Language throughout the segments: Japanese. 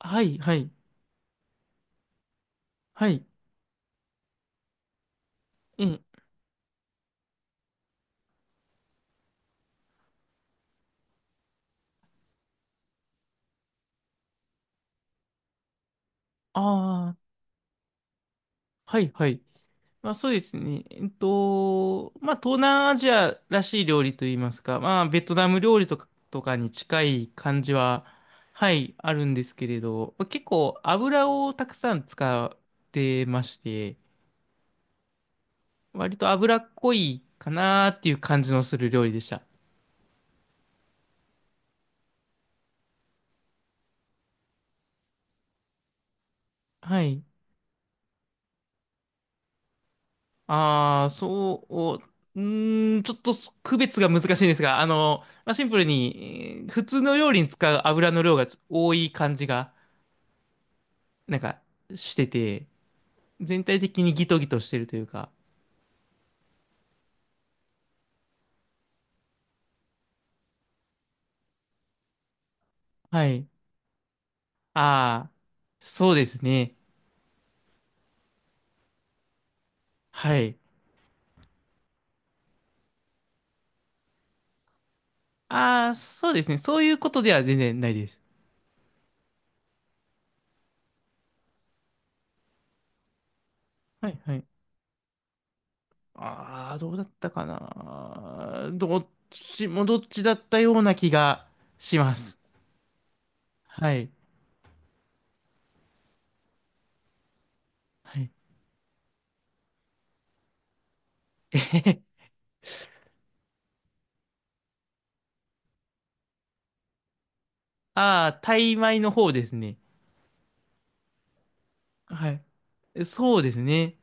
はい、はい、はい、ええ、ああ、はい、はい。まあそうですね。まあ東南アジアらしい料理といいますか、まあベトナム料理とかに近い感じは、はい、あるんですけれど、まあ結構油をたくさん使ってまして、割と油っこいかなーっていう感じのする料理でした。はい。ああ、そう、うーん、ちょっと区別が難しいんですが、まあ、シンプルに、普通の料理に使う油の量がちょ多い感じが、なんか、してて、全体的にギトギトしてるというか、はい。ああ、そうですね。はい。ああ、そうですね。そういうことでは全然ないです。はいはい。ああ、どうだったかな。どっちもどっちだったような気がします。はい。はい。ああ、タイ米の方ですね。はい。えそうですね。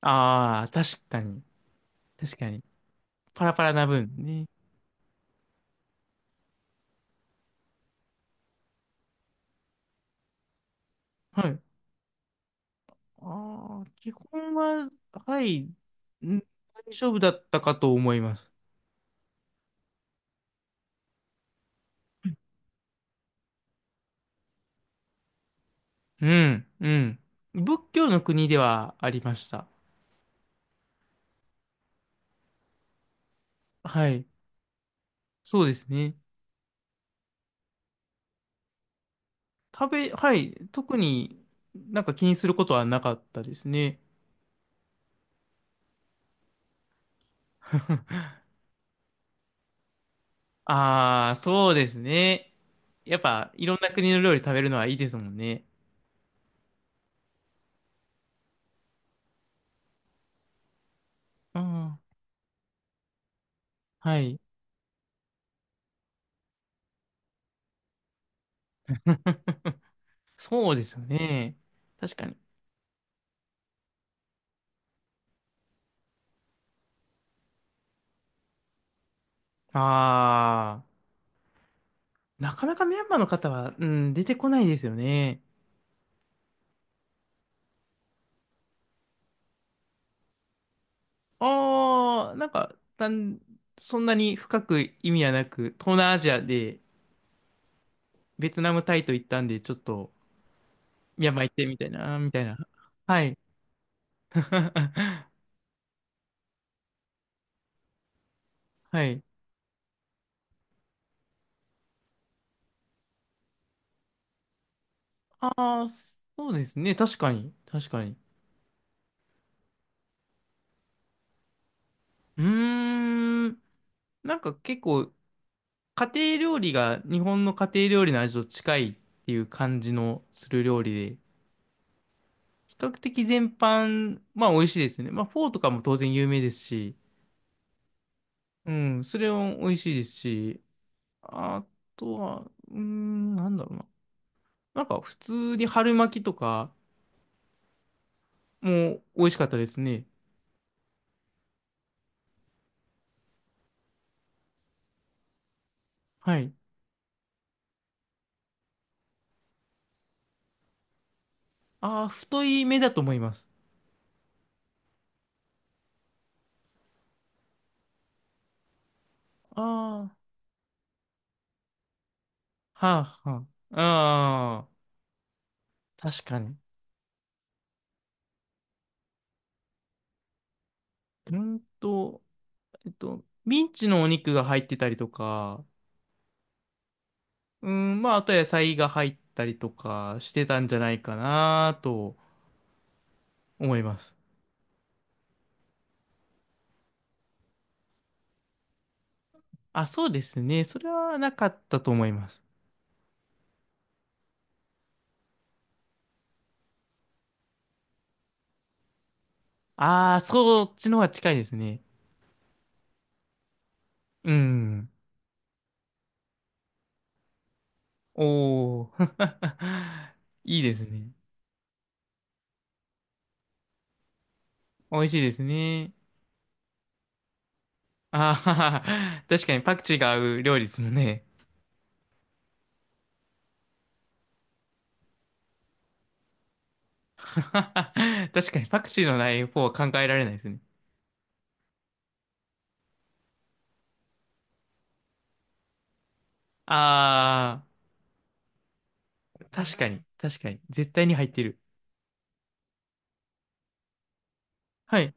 ああ、確かに。確かに。パラパラな分ね。はい。ああ、基本は、はい、ん大丈夫だったかと思います。うん、うん。仏教の国ではありました。はい。そうですね。食べ、はい。特になんか気にすることはなかったですね。ああ、そうですね。やっぱ、いろんな国の料理食べるのはいいですもんね。うん。はい。そうですよね。確かに。ああ、なかなかミャンマーの方は、うん、出てこないですよね。ああ、そんなに深く意味はなく、東南アジアでベトナム、タイと行ったんで、ちょっと、ミャンマー行ってみたいな、みたいな。はい。はい。ああ、そうですね。確かに。確かに。うーん。なんか結構、家庭料理が日本の家庭料理の味と近いっていう感じのする料理で、比較的全般、まあ美味しいですね。まあフォーとかも当然有名ですし、うん、それも美味しいですし、あとは、うーん、なんだろうな。なんか普通に春巻きとかも美味しかったですね。はい。ああ、太い目だと思います。ああ、はあ、はあ。ああ、確かに。うんと、ミンチのお肉が入ってたりとか、うん、まあ、あと野菜が入ったりとかしてたんじゃないかなと思います。あ、そうですね。それはなかったと思います。ああ、そっちの方が近いですね。うん。おー。いいですね。美味しいですね。あはは確かにパクチーが合う料理ですもんね。確かにパクチーのない方は考えられないですね。ああ、確かに、確かに。絶対に入ってる。はい。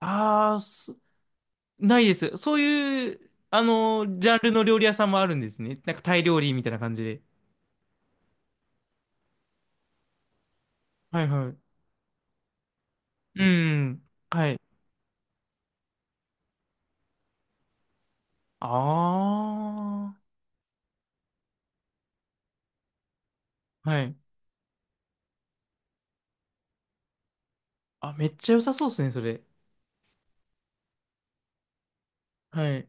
ああ、すないです。そういう、あの、ジャンルの料理屋さんもあるんですね。なんかタイ料理みたいな感じで。はいはい。うん。はい。ああ。はい。あ、めっちゃ良さそうですね、それ。はい。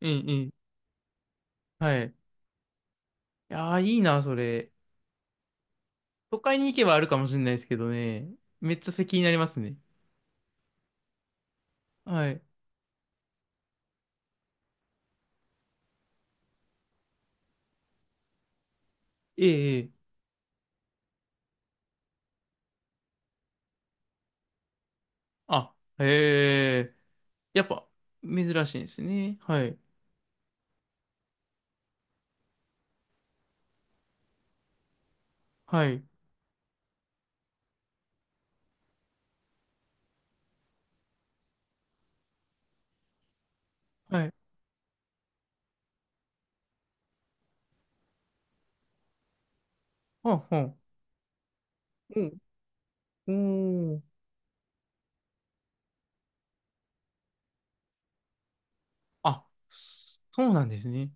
いい、いい。はい。いやー、いいな、それ。都会に行けばあるかもしれないですけどね。めっちゃそれ気になりますね。はい。ええ、ええ。あ、へえ。やっぱ、珍しいんですね。はい。はい。はい。はんはん。うん。おーあ、そうなんですね。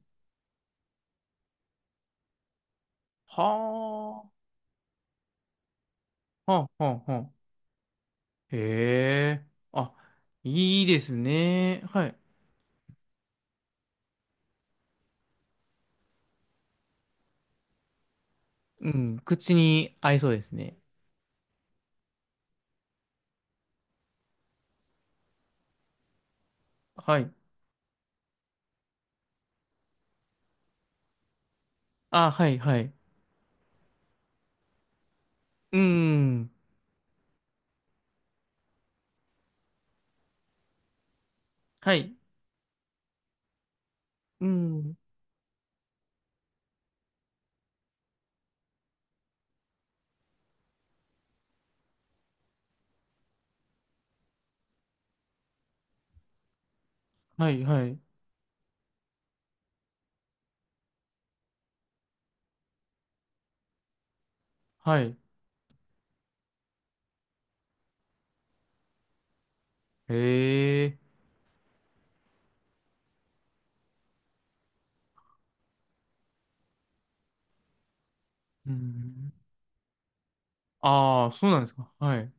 はあ、はあ、はあ、はあ。へえ、あ、いいですね。はい。うん、口に合いそうですね。はい。あ、はい、はい。うん、はい。うん、はい、はい、はい。へえ、うん。ああ、そうなんですか。はい。う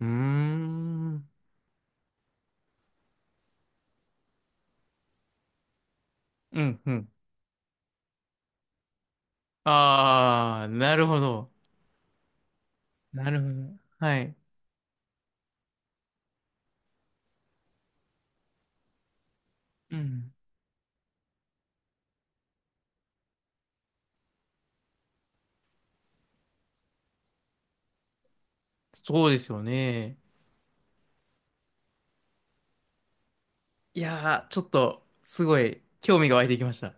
ーん、うん、うん。ああ、なるほど。なるほど。はい。うん。そうですよね。いやー、ちょっと、すごい、興味が湧いてきました。